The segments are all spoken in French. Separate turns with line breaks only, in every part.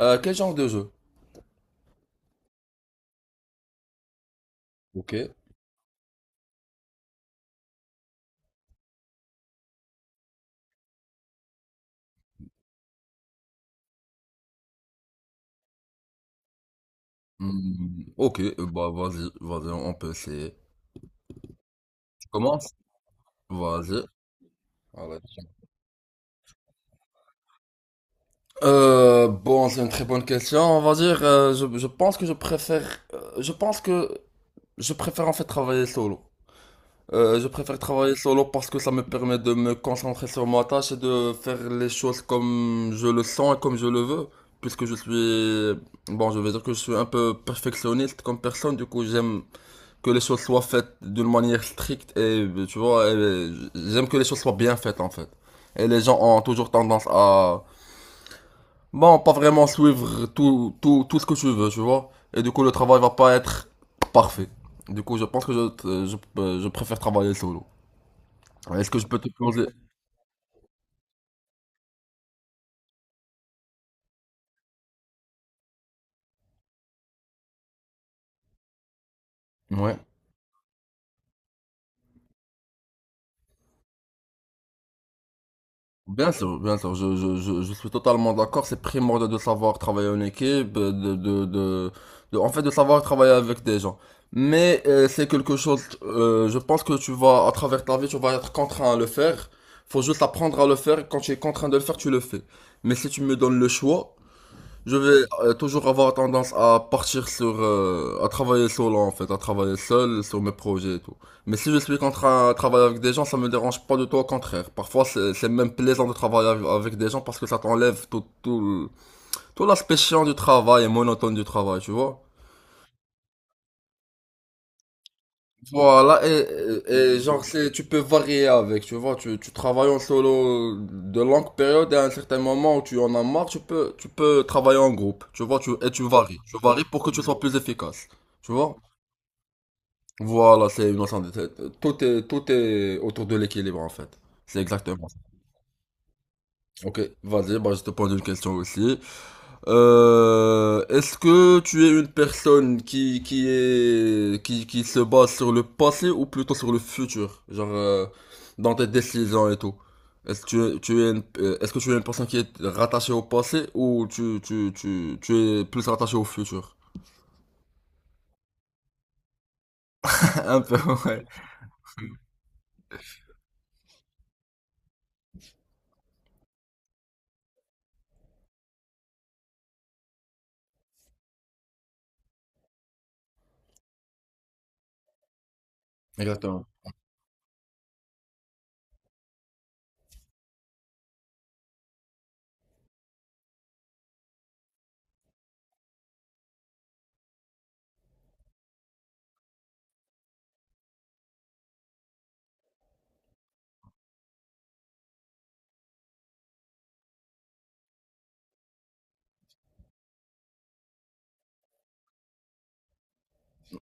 Quel genre de jeu? Ok. Hmm, ok, bah vas-y, vas-y, on peut essayer. Tu commences? Vas-y. Allez. Bon, c'est une très bonne question. On va dire, je pense que je préfère en fait travailler solo. Je préfère travailler solo parce que ça me permet de me concentrer sur ma tâche et de faire les choses comme je le sens et comme je le veux. Puisque je suis, bon, je vais dire que je suis un peu perfectionniste comme personne, du coup j'aime que les choses soient faites d'une manière stricte et, tu vois, j'aime que les choses soient bien faites en fait. Et les gens ont toujours tendance à, bon, pas vraiment suivre tout, tout, tout ce que tu veux, tu vois. Et du coup, le travail va pas être parfait. Du coup, je pense que je préfère travailler solo. Est-ce que je peux te poser, ouais. Bien sûr, je suis totalement d'accord. C'est primordial de savoir travailler en équipe, en fait, de savoir travailler avec des gens. Mais c'est quelque chose, je pense que tu vas, à travers ta vie, tu vas être contraint à le faire. Faut juste apprendre à le faire. Quand tu es contraint de le faire, tu le fais. Mais si tu me donnes le choix, je vais toujours avoir tendance à partir sur, à travailler solo en fait, à travailler seul sur mes projets et tout. Mais si je suis contre à travailler avec des gens, ça me dérange pas du tout, au contraire. Parfois, c'est même plaisant de travailler avec des gens parce que ça t'enlève tout, tout, tout l'aspect chiant du travail et monotone du travail, tu vois. Voilà, et- genre, c'est, tu peux varier avec, tu vois, tu travailles en solo de longues périodes et à un certain moment où tu en as marre, tu peux travailler en groupe, tu vois, tu, et tu varies pour que tu sois plus efficace, tu vois. Voilà, c'est une notion de, tout est autour de l'équilibre en fait, c'est exactement ça. Ok, vas-y, bah, je te pose une question aussi. Est-ce que tu es une personne qui est qui se base sur le passé ou plutôt sur le futur, genre dans tes décisions et tout? Est-ce que tu es, est-ce que tu es une personne qui est rattachée au passé ou tu es plus rattaché au futur? Un peu, ouais. Exactement.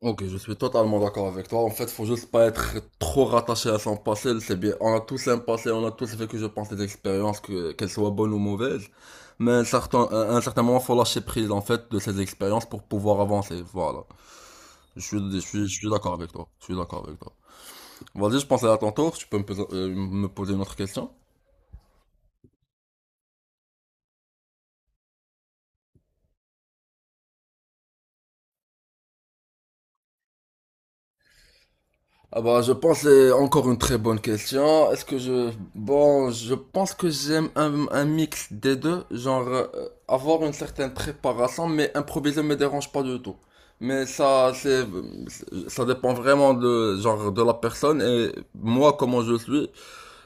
Ok, je suis totalement d'accord avec toi. En fait, faut juste pas être trop rattaché à son passé. C'est bien. On a tous un passé, on a tous vécu, je pense, des expériences, que, qu'elles soient bonnes ou mauvaises. Mais un certain, à un certain moment, faut lâcher prise, en fait, de ces expériences pour pouvoir avancer. Voilà. Je suis d'accord avec toi. Je suis d'accord avec toi. Vas-y, je pense à ton tour. Tu peux me, me poser une autre question? Ah bah je pense c'est encore une très bonne question. Est-ce que je bon je pense que j'aime un mix des deux, genre avoir une certaine préparation mais improviser me dérange pas du tout. Mais ça c'est ça dépend vraiment de genre de la personne et moi comment je suis,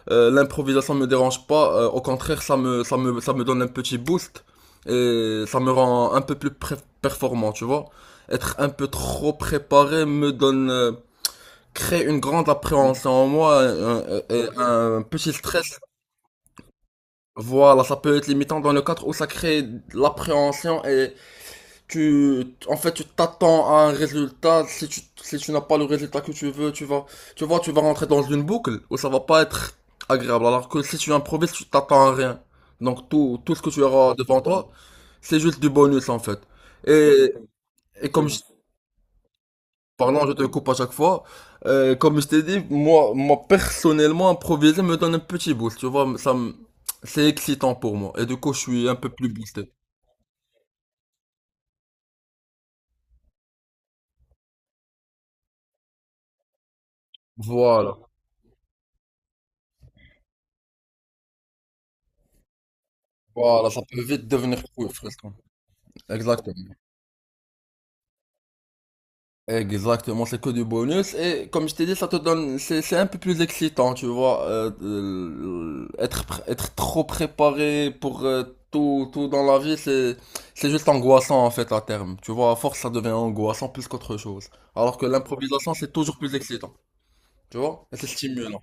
l'improvisation me dérange pas, au contraire ça me donne un petit boost et ça me rend un peu plus performant, tu vois. Être un peu trop préparé me donne crée une grande appréhension en moi, un- un petit stress. Voilà, ça peut être limitant dans le cadre où ça crée l'appréhension et tu, en fait, tu t'attends à un résultat. Si tu, si tu n'as pas le résultat que tu veux, tu vas, tu vois, tu vas rentrer dans une boucle où ça va pas être agréable. Alors que si tu improvises, tu t'attends à rien. Donc tout, tout ce que tu auras devant toi, c'est juste du bonus en fait. Et, et comme je Pardon, je te coupe à chaque fois. Comme je t'ai dit, moi, moi personnellement, improviser me donne un petit boost. Tu vois, c'est excitant pour moi. Et du coup, je suis un peu plus boosté. Voilà, voilà, ça peut vite devenir cool, fresque. Exactement. Exactement, c'est que du bonus. Et comme je t'ai dit, ça te donne, c'est un peu plus excitant, tu vois, être, être trop préparé pour tout, tout dans la vie, c'est juste angoissant en fait à terme. Tu vois, à force, ça devient angoissant plus qu'autre chose. Alors que l'improvisation, c'est toujours plus excitant, tu vois, et c'est stimulant.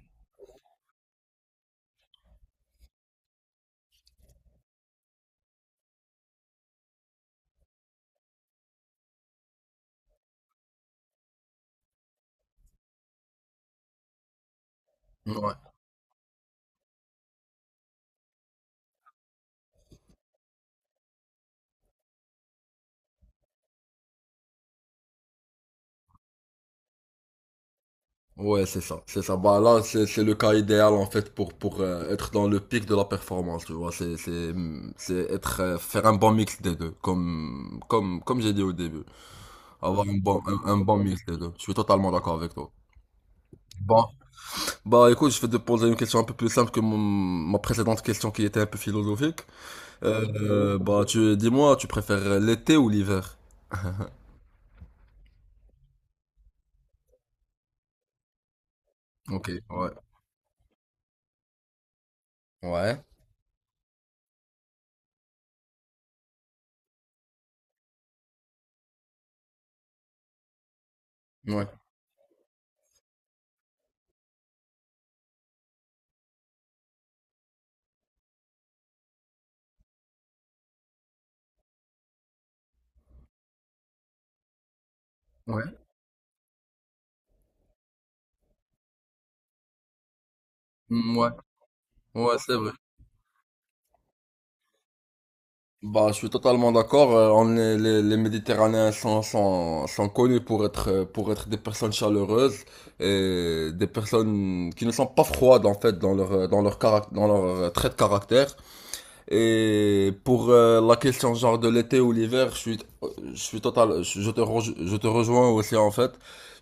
Ouais. Ouais, c'est ça, c'est ça. Bah là, c'est le cas idéal en fait pour être dans le pic de la performance, tu vois. C'est être faire un bon mix des deux, comme j'ai dit au début, avoir un bon un bon mix des deux. Je suis totalement d'accord avec toi. Bon, bah écoute, je vais te poser une question un peu plus simple que mon, ma précédente question qui était un peu philosophique. Bah tu dis-moi, tu préfères l'été ou l'hiver? Ok, ouais, ouais, ouais, ouais, Mm, ouais, ouais, c'est vrai. Bah, je suis totalement d'accord. Les Méditerranéens sont connus pour être des personnes chaleureuses et des personnes qui ne sont pas froides en fait dans leur, dans leur, dans leur trait de caractère. Et pour la question genre de l'été ou l'hiver, je suis total, je te, rej- je te rejoins aussi en fait.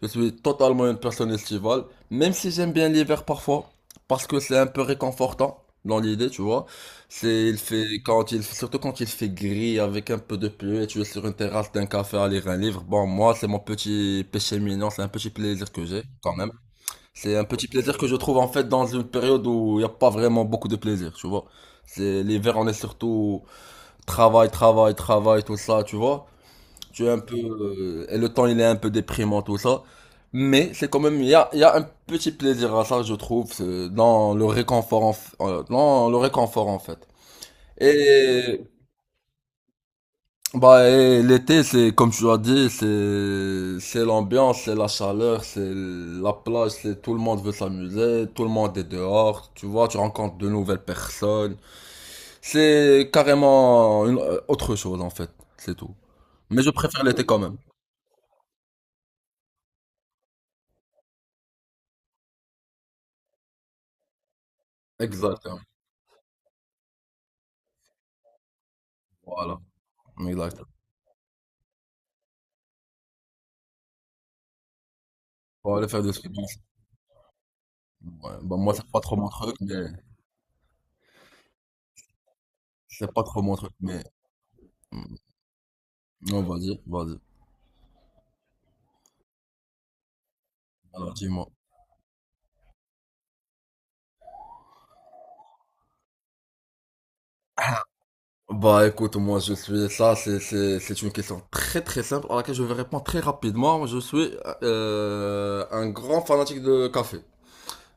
Je suis totalement une personne estivale, même si j'aime bien l'hiver parfois, parce que c'est un peu réconfortant dans l'idée, tu vois. C'est, il fait quand il, surtout quand il fait gris avec un peu de pluie et tu es sur une terrasse d'un café à lire un livre. Bon, moi, c'est mon petit péché mignon, c'est un petit plaisir que j'ai quand même. C'est un petit plaisir que je trouve en fait dans une période où il n'y a pas vraiment beaucoup de plaisir, tu vois. C'est l'hiver, on est surtout travail, travail, travail, tout ça, tu vois. Tu es un peu et le temps il est un peu déprimant tout ça, mais c'est quand même il y a un petit plaisir à ça, je trouve, c'est dans le réconfort dans le réconfort en fait. Et Bah, et l'été, c'est comme tu as dit, c'est l'ambiance, c'est la chaleur, c'est la plage, c'est tout le monde veut s'amuser, tout le monde est dehors, tu vois, tu rencontres de nouvelles personnes. C'est carrément une autre chose en fait, c'est tout. Mais je préfère l'été quand même. Exactement. Voilà. Exact. Pour aller faire des skis. Ouais. Bah moi c'est pas trop mon truc, mais c'est pas trop mon truc, mais mm, non, vas-y, vas-y. Alors dis-moi. Bah écoute, moi je suis ça, c'est une question très très simple à laquelle je vais répondre très rapidement. Je suis un grand fanatique de café.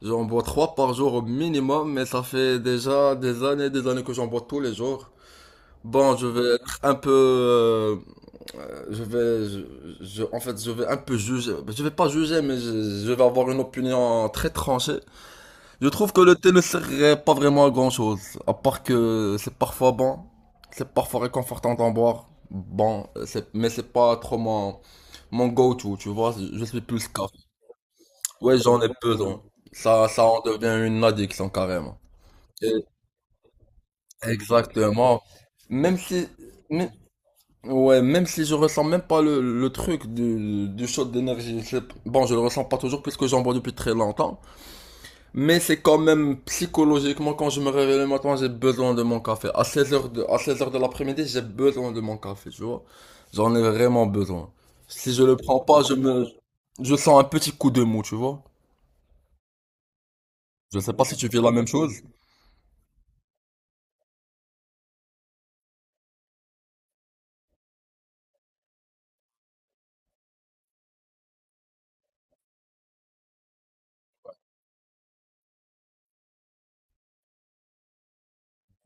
J'en bois trois par jour au minimum, mais ça fait déjà des années que j'en bois tous les jours. Bon, je vais être un peu, je vais, je, en fait, je vais un peu juger. Je vais pas juger, mais je vais avoir une opinion très tranchée. Je trouve que le thé ne sert pas vraiment à grand chose, à part que c'est parfois bon, c'est parfois réconfortant d'en boire. Bon, mais c'est pas trop mon, mon go-to, tu vois, je suis plus café. Ouais, j'en ai besoin. Ça en devient une addiction carrément. Et- exactement. Même si, mais- ouais, même si je ressens même pas le, le truc du shot d'énergie, bon, je le ressens pas toujours puisque j'en bois depuis très longtemps. Mais c'est quand même psychologiquement, quand je me réveille le matin, j'ai besoin de mon café. À 16h à 16h de l'après-midi, j'ai besoin de mon café, tu vois. J'en ai vraiment besoin. Si je le prends pas, je me, je sens un petit coup de mou, tu vois. Je sais pas si tu vis la même chose.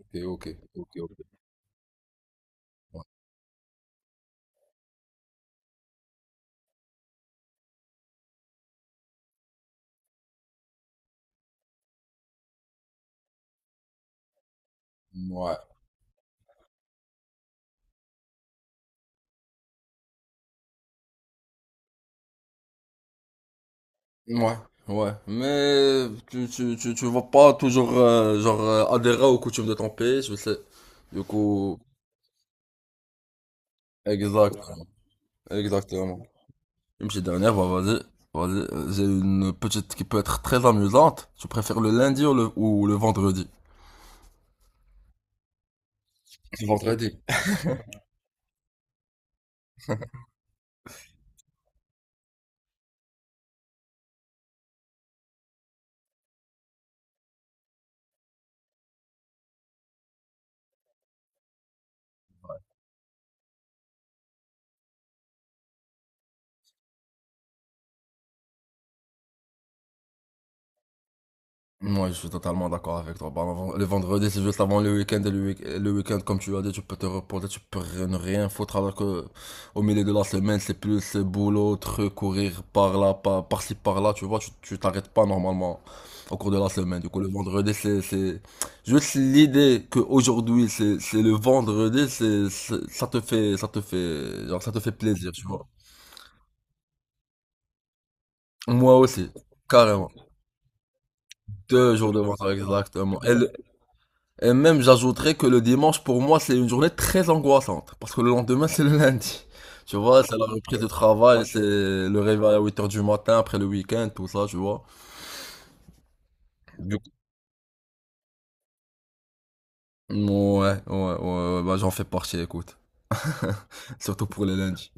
Ok, ok, ok, ok. Ouais. Ouais, ouais, ouais. Mais tu vas pas toujours, genre, adhérer aux coutumes de ton pays, je sais. Du coup, exactement, exactement. Une petite dernière, bah, vas-y. Vas-y, j'ai une petite qui peut être très amusante. Tu préfères le lundi ou le vendredi? Le vendredi. Moi je suis totalement d'accord avec toi. Bah, le vendredi, c'est juste avant le week-end. Et le week-end, comme tu as dit, tu peux te reposer, tu peux rien- ne rien foutre. Alors que au milieu de la semaine, c'est plus boulot, truc, courir par là, par, par-ci, par-là. Tu vois, tu t'arrêtes pas normalement au cours de la semaine. Du coup, le vendredi, juste l'idée que aujourd'hui c'est le vendredi, ça te fait, genre, ça te fait plaisir, tu vois. Moi aussi, carrément. Deux jours de vendredi, exactement. Et même j'ajouterais que le dimanche pour moi c'est une journée très angoissante parce que le lendemain c'est le lundi. Tu vois, c'est la reprise de travail, c'est le réveil à 8h du matin après le week-end, tout ça, tu vois. Du coup, ouais, ouais, ouais, bah j'en fais partie, écoute. Surtout pour les lundis.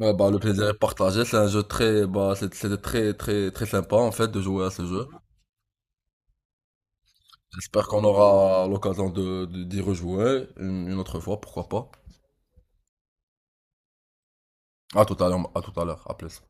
Ouais, bah le plaisir est partagé, c'est un jeu très, bah c'était très, très, très sympa en fait de jouer à ce jeu. J'espère qu'on aura l'occasion de, d'y rejouer une autre fois, pourquoi pas. À tout à l'heure, à tout à l'heure, à plus.